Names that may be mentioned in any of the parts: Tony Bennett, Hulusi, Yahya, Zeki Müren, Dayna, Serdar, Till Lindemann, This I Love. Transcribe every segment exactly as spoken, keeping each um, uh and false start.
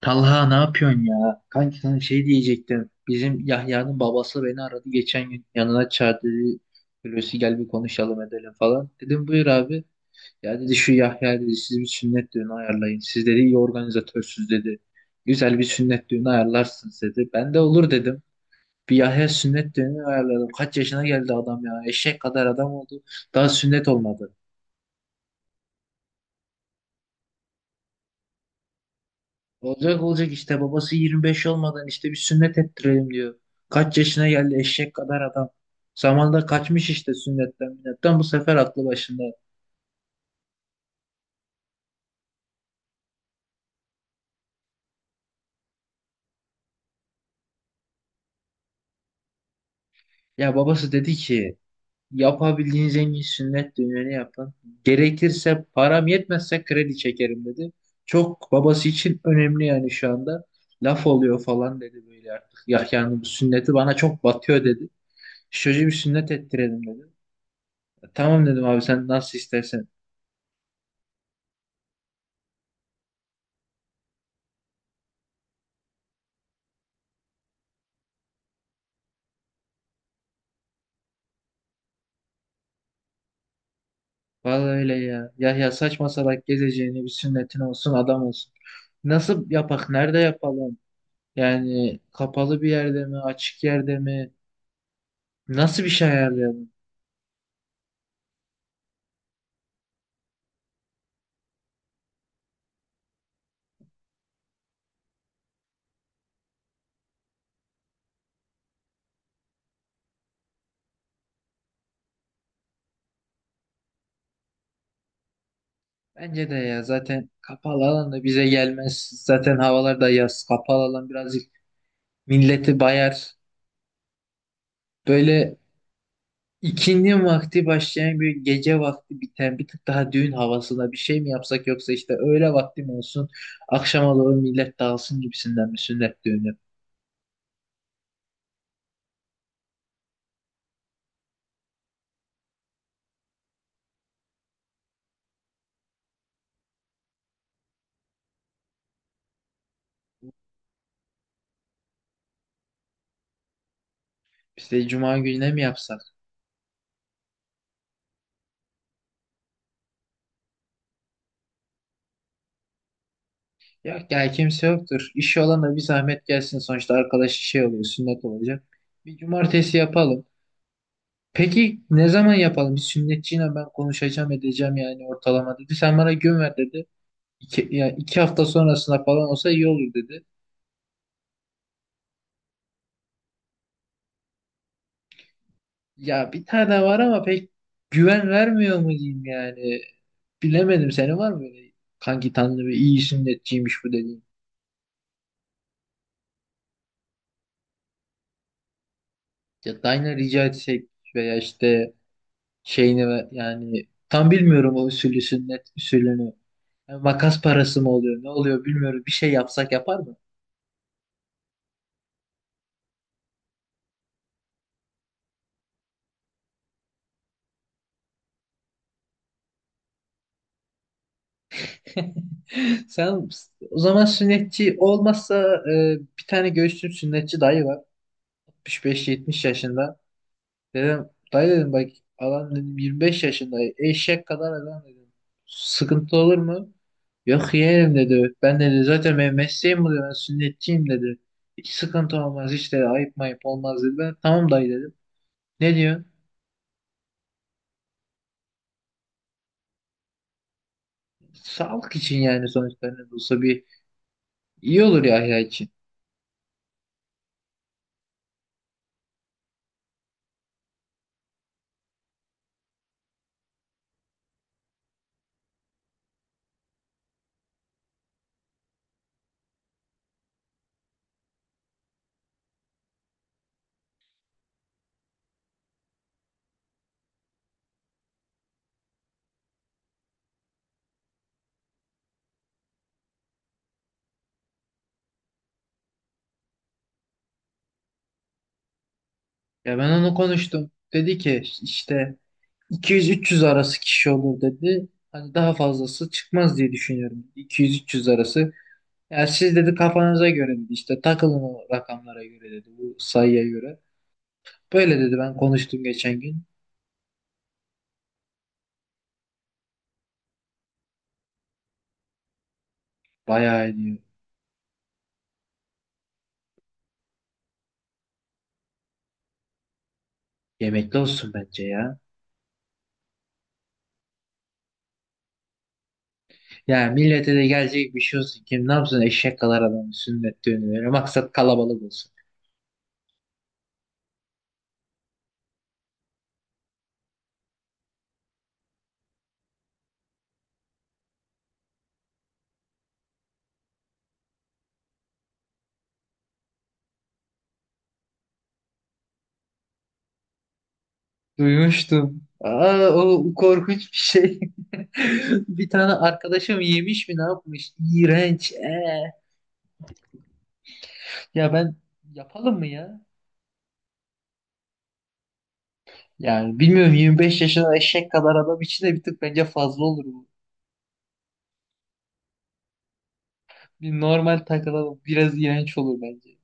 Talha ne yapıyorsun ya? Kanki sana şey diyecektim. Bizim Yahya'nın babası beni aradı geçen gün. Yanına çağırdı. dedi, Hulusi gel bir konuşalım edelim falan. Dedim buyur abi. Ya dedi şu Yahya dedi siz bir sünnet düğünü ayarlayın. Siz dedi iyi organizatörsüz dedi. Güzel bir sünnet düğünü ayarlarsınız dedi. Ben de olur dedim. Bir Yahya sünnet düğünü ayarladım. Kaç yaşına geldi adam ya. Eşek kadar adam oldu. Daha sünnet olmadı. Olacak olacak işte babası yirmi beş olmadan işte bir sünnet ettirelim diyor. Kaç yaşına geldi eşek kadar adam. Zamanında kaçmış işte sünnetten minnetten bu sefer aklı başında. Ya babası dedi ki yapabildiğiniz en iyi sünnet düğünü yapın. Gerekirse param yetmezse kredi çekerim dedi. Çok babası için önemli yani şu anda. Laf oluyor falan dedi böyle artık. Ya yani bu sünneti bana çok batıyor dedi. Çocuğu bir sünnet ettirelim dedi. Tamam dedim abi sen nasıl istersen. Vallahi öyle ya. Yahya saçma salak gezeceğini bir sünnetin olsun adam olsun. Nasıl yapak? Nerede yapalım? Yani kapalı bir yerde mi? Açık yerde mi? Nasıl bir şey ayarlayalım? Bence de ya zaten kapalı alan da bize gelmez. Zaten havalar da yaz. Kapalı alan birazcık milleti bayar. Böyle ikindi vakti başlayan bir gece vakti biten bir tık daha düğün havasında bir şey mi yapsak yoksa işte öğle vakti mi olsun? Akşama doğru millet dağılsın gibisinden bir sünnet düğünü. İşte cuma gününe mi yapsak? Yok ya kimse yoktur. İşi olan da bir zahmet gelsin. Sonuçta arkadaş şey oluyor, sünnet olacak. Bir cumartesi yapalım. Peki ne zaman yapalım? Bir sünnetçiyle ben konuşacağım edeceğim yani ortalama dedi. Sen bana gün ver dedi. İki, ya iki hafta sonrasına falan olsa iyi olur dedi. Ya bir tane var ama pek güven vermiyor mu diyeyim yani. Bilemedim senin var mı böyle kanki tanrı bir iyi sünnetçiymiş bu dediğin. Ya Dayna rica etsek veya işte şeyini ve- yani tam bilmiyorum o usulü sünnet usulünü. Yani makas parası mı oluyor ne oluyor bilmiyorum. Bir şey yapsak yapar mı? Sen o zaman sünnetçi olmazsa e, bir tane göğsüm sünnetçi dayı var. altmış beş yetmiş yaşında. Dedim dayı dedim bak adam dedim yirmi beş yaşında eşek kadar adam dedim. Sıkıntı olur mu? Yok yeğenim dedi. Ben dedi zaten benim mesleğim bu dedi. Ben sünnetçiyim dedi. Hiç sıkıntı olmaz hiç dedi. Ayıp mayıp olmaz dedi. Ben tamam dayı dedim. Ne diyor? Sağlık için yani sonuçta ne de olsa bir iyi olur Yahya için. Ya ben onu konuştum. Dedi ki işte iki yüz üç yüz arası kişi olur dedi. Hani daha fazlası çıkmaz diye düşünüyorum. iki yüz üç yüz arası. Ya siz dedi kafanıza göre dedi işte takılın o rakamlara göre dedi bu sayıya göre. Böyle dedi ben konuştum geçen gün. Bayağı ediyor. Yemekli olsun bence ya. Ya millete de gelecek bir şey olsun. Kim ne yapsın eşek kadar adamın sünnet düğünü. Böyle Maksat kalabalık olsun. Duymuştum. Aa, o korkunç bir şey. Bir tane arkadaşım yemiş mi ne yapmış? İğrenç. ee. Ya ben yapalım mı ya? Yani bilmiyorum Yirmi beş yaşında eşek kadar adam için de bir tık bence fazla olur bu. Bir normal takılalım. Biraz iğrenç olur bence.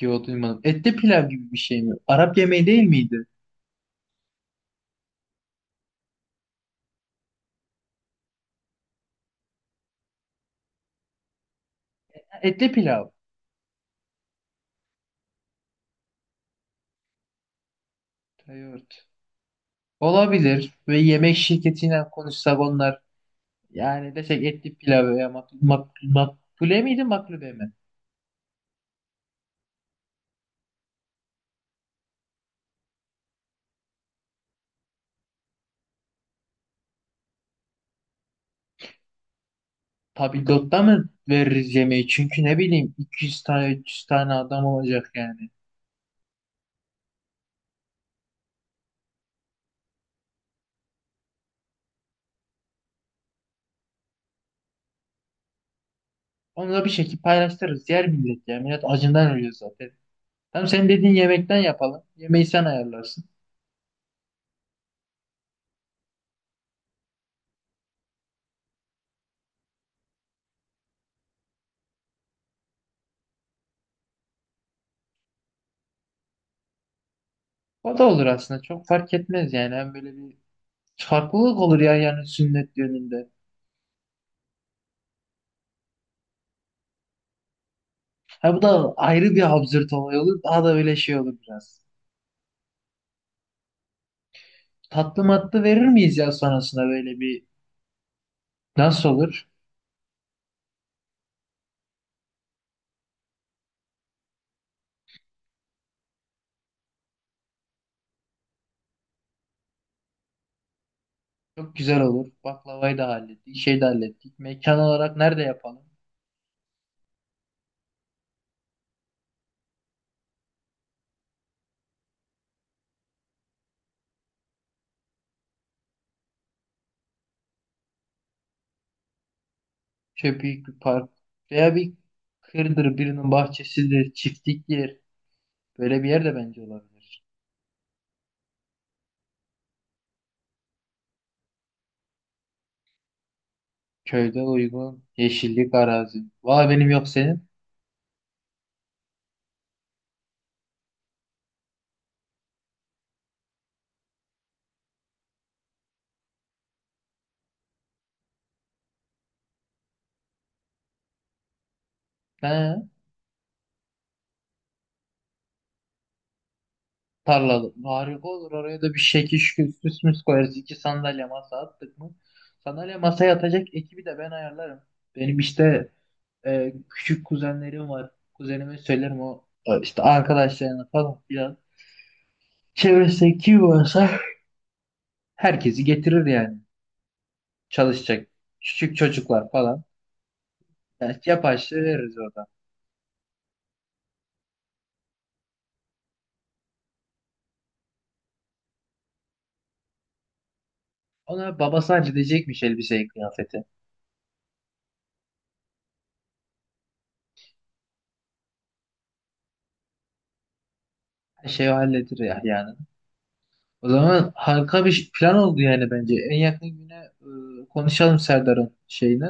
Yo duymadım. Etli pilav gibi bir şey mi? Arap yemeği değil miydi? Ha, Etli pilav. Yoğurt. Olabilir. Ve yemek şirketiyle konuşsak onlar. Yani desek etli pilav veya mak mak makbule miydi maklube mi? Tabii lotta mı veririz yemeği? Çünkü ne bileyim iki yüz tane üç yüz tane adam olacak yani. Onu da bir şekilde paylaştırırız. Yer millet ya. Millet acından ölüyor zaten. Tamam sen dediğin yemekten yapalım. Yemeği sen ayarlarsın. O da olur aslında. Çok fark etmez yani. Hem böyle bir farklılık olur ya yani sünnet düğününde. Ha bu da ayrı bir absürt olay olur. Daha da böyle şey olur biraz. Tatlı matlı verir miyiz ya sonrasında böyle bir nasıl olur? Çok güzel olur. Baklavayı da hallettik, şey de hallettik. Mekan olarak nerede yapalım? Şöyle büyük bir park veya bir kırdır birinin bahçesidir, çiftliktir. Böyle bir yer de bence olabilir. Köyde uygun yeşillik arazi. Vay benim yok senin. He, tarlada. Harika olur. Oraya da bir şekil şükür süs müs koyarız. İki sandalye masa attık mı? Sandalye masaya yatacak ekibi de ben ayarlarım. Benim işte e, küçük kuzenlerim var. Kuzenime söylerim o e, işte arkadaşlarına falan filan. Çevresindeki varsa herkesi getirir yani. Çalışacak küçük çocuklar falan. Yani yapay şey veririz orada. Ona babası halledecekmiş elbiseyi, kıyafeti. Her şeyi halledir ya yani. O zaman harika bir plan oldu yani bence. En yakın güne e, konuşalım Serdar'ın şeyini.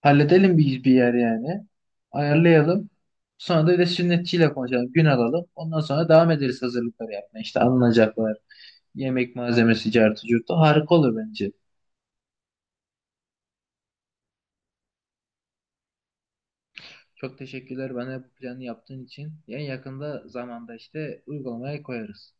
Halledelim bir, bir yer yani. Ayarlayalım. Sonra da bir de sünnetçiyle konuşalım. Gün alalım. Ondan sonra devam ederiz hazırlıkları yapmaya. İşte alınacaklar. Yemek malzemesi, cartı, curtu. Harika olur bence. Çok teşekkürler bana bu planı yaptığın için. En yakında zamanda işte uygulamaya koyarız.